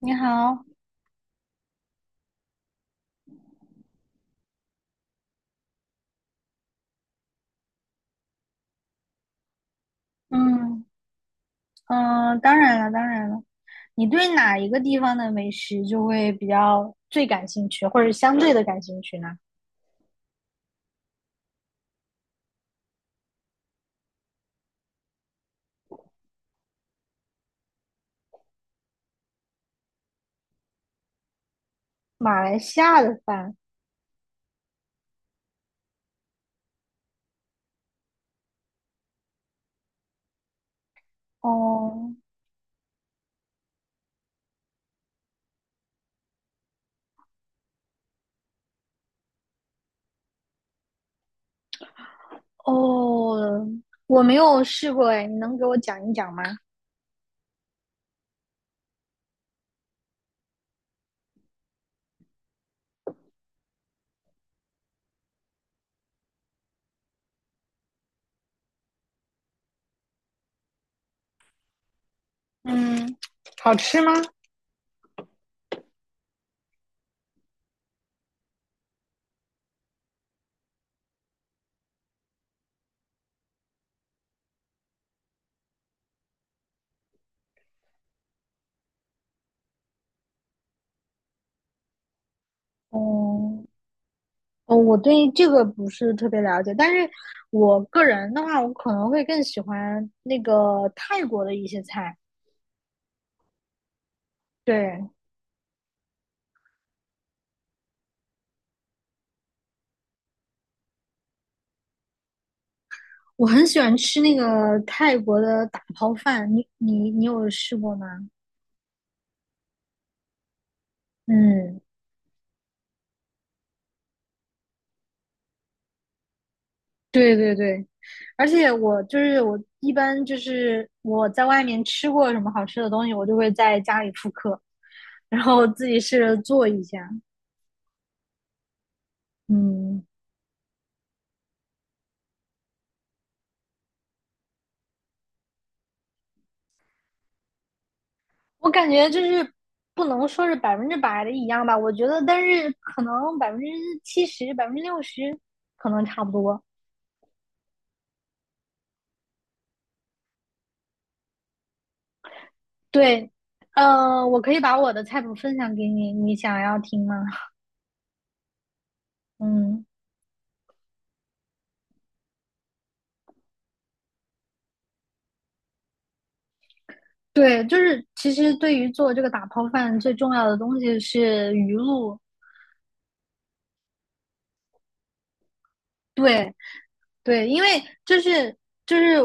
你好。嗯嗯，当然了，当然了。你对哪一个地方的美食就会比较最感兴趣，或者相对的感兴趣呢？马来西亚的饭。哦哦，我没有试过哎，你能给我讲一讲吗？嗯。哦哦，我对这个不是特别了解，但是我个人的话，我可能会更喜欢那个泰国的一些菜。对，我很喜欢吃那个泰国的打抛饭，你有试过吗？嗯。对对对，而且我就是我一般就是我在外面吃过什么好吃的东西，我就会在家里复刻，然后自己试着做一下。嗯，我感觉就是不能说是百分之百的一样吧，我觉得，但是可能70%、60%可能差不多。对，我可以把我的菜谱分享给你，你想要听吗？嗯，对，就是其实对于做这个打泡饭最重要的东西是鱼露。对对，因为就是就是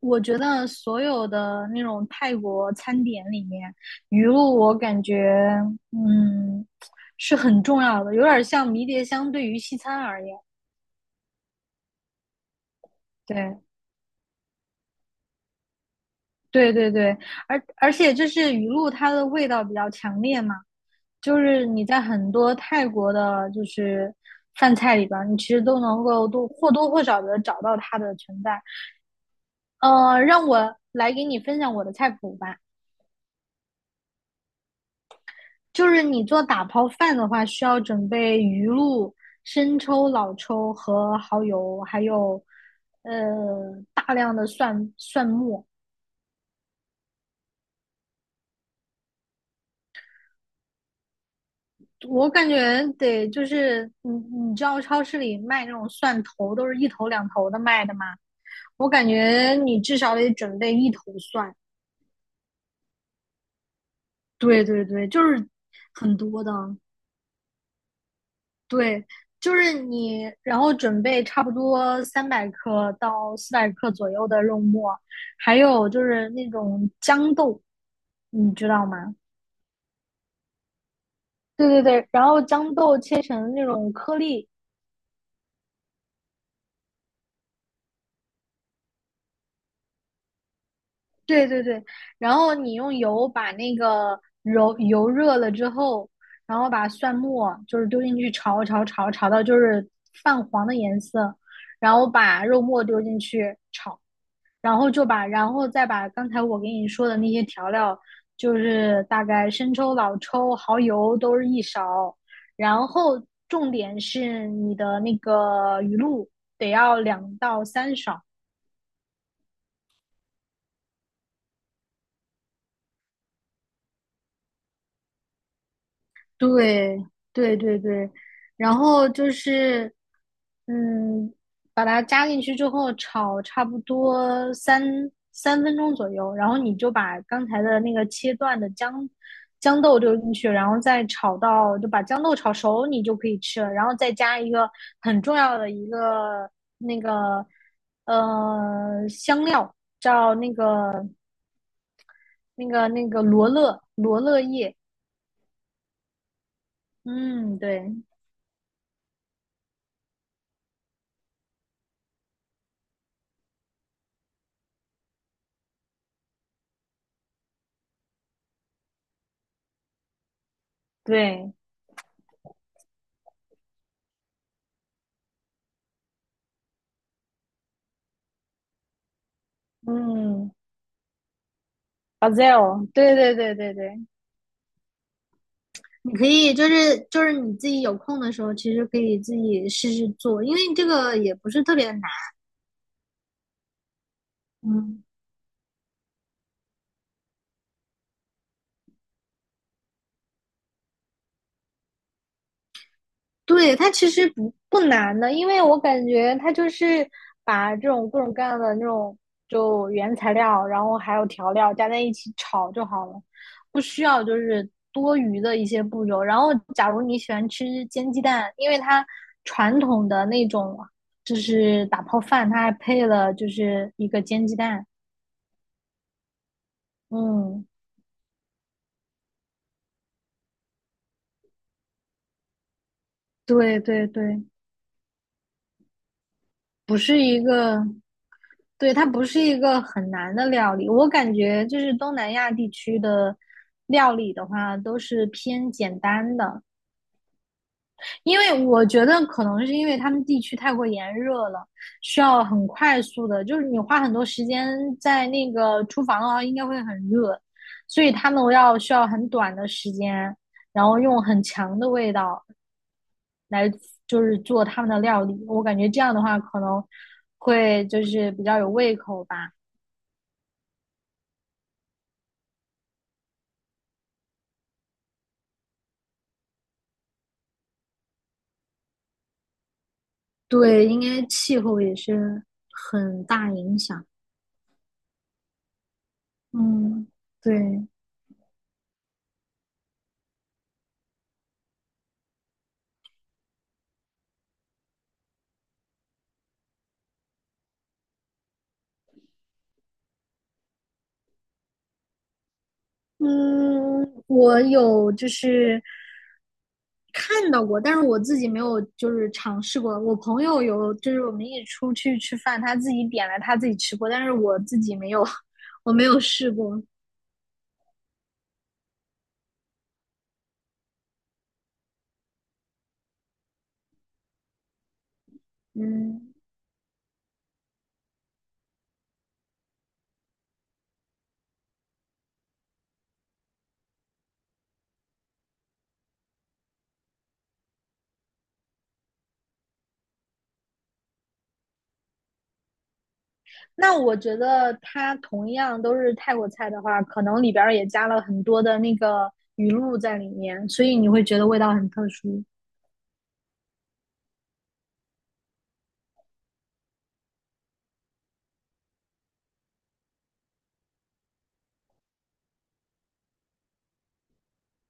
我觉得所有的那种泰国餐点里面，鱼露我感觉嗯是很重要的，有点像迷迭香对于西餐而言。对对对对，而且就是鱼露它的味道比较强烈嘛。就是你在很多泰国的，就是饭菜里边你其实都能够多或多或少的找到它的存在。让我来给你分享我的菜谱吧。就是你做打抛饭的话，需要准备鱼露、生抽、老抽和蚝油，还有呃大量的蒜末。我感觉得就是你知道超市里卖那种蒜头都是一头两头的卖的吗？我感觉你至少得准备一头蒜。对对对，就是很多的。对，就是你，然后准备差不多300克到400克左右的肉末，还有就是那种豇豆，你知道吗？对对对，然后豇豆切成那种颗粒。对对对，然后你用油把那个揉油热了之后，然后把蒜末就是丢进去炒炒炒炒到就是泛黄的颜色，然后把肉末丢进去，然后再把刚才我给你说的那些调料，就是大概生抽、老抽、蚝油都是一勺，然后重点是你的那个鱼露得要2到3勺。对对对对，然后就是，嗯，把它加进去之后炒差不多三分钟左右，然后你就把刚才的那个切断的姜豆丢进去，然后再炒到就把姜豆炒熟，你就可以吃了。然后再加一个很重要的一个那个香料，叫那个罗勒叶，嗯，对对。嗯，Bazel，对对对对对。你可以就是你自己有空的时候，其实可以自己试试做，因为这个也不是特别难。嗯。对，它其实不难的，因为我感觉它就是把这种各种各样的那种就原材料，然后还有调料加在一起炒就好了，不需要就是多余的一些步骤。然后，假如你喜欢吃煎鸡蛋，因为它传统的那种就是打泡饭，它还配了就是一个煎鸡蛋。嗯，对对对。不是一个对，它不是一个很难的料理，我感觉就是东南亚地区的料理的话，都是偏简单的，因为我觉得可能是因为他们地区太过炎热了，需要很快速的，就是你花很多时间在那个厨房的话，应该会很热，所以他们需要很短的时间，然后用很强的味道来就是做他们的料理，我感觉这样的话可能会就是比较有胃口吧。对，应该气候也是很大影响。嗯，对，嗯，我有就是看到过，但是我自己没有就是尝试过。我朋友有，就是我们一起出去吃饭，他自己点了，他自己吃过，但是我自己没有，我没有试过。嗯，那我觉得它同样都是泰国菜的话，可能里边儿也加了很多的那个鱼露在里面，所以你会觉得味道很特殊。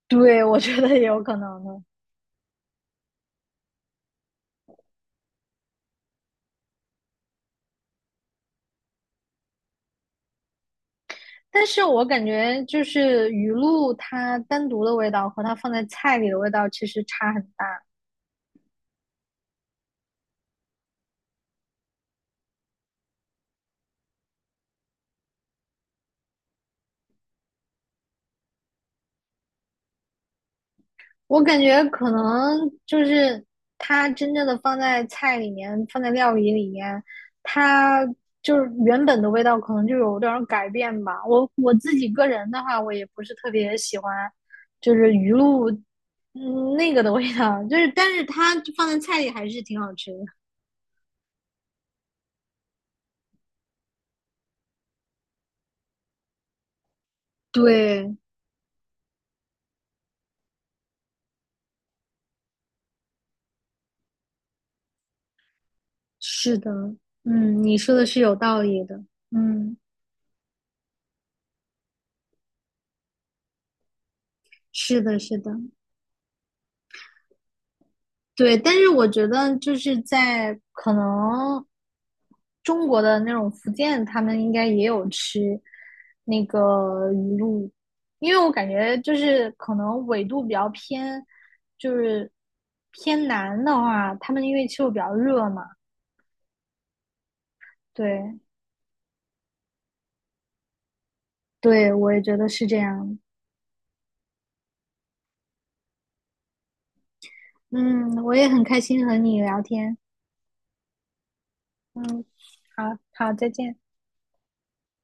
对，我觉得也有可能的。但是我感觉就是鱼露它单独的味道和它放在菜里的味道其实差很大。我感觉可能就是它真正的放在菜里面，放在料理里面，它就是原本的味道可能就有点改变吧。我自己个人的话，我也不是特别喜欢，就是鱼露那个的味道，就是但是它放在菜里还是挺好吃的。对，是的，嗯，你说的是有道理的，嗯。是的，是的，对。但是我觉得就是在可能中国的那种福建，他们应该也有吃那个鱼露，因为我感觉就是可能纬度比较偏，就是偏南的话，他们因为气候比较热嘛，对，对，我也觉得是这样。嗯，我也很开心和你聊天。嗯，好好，再见。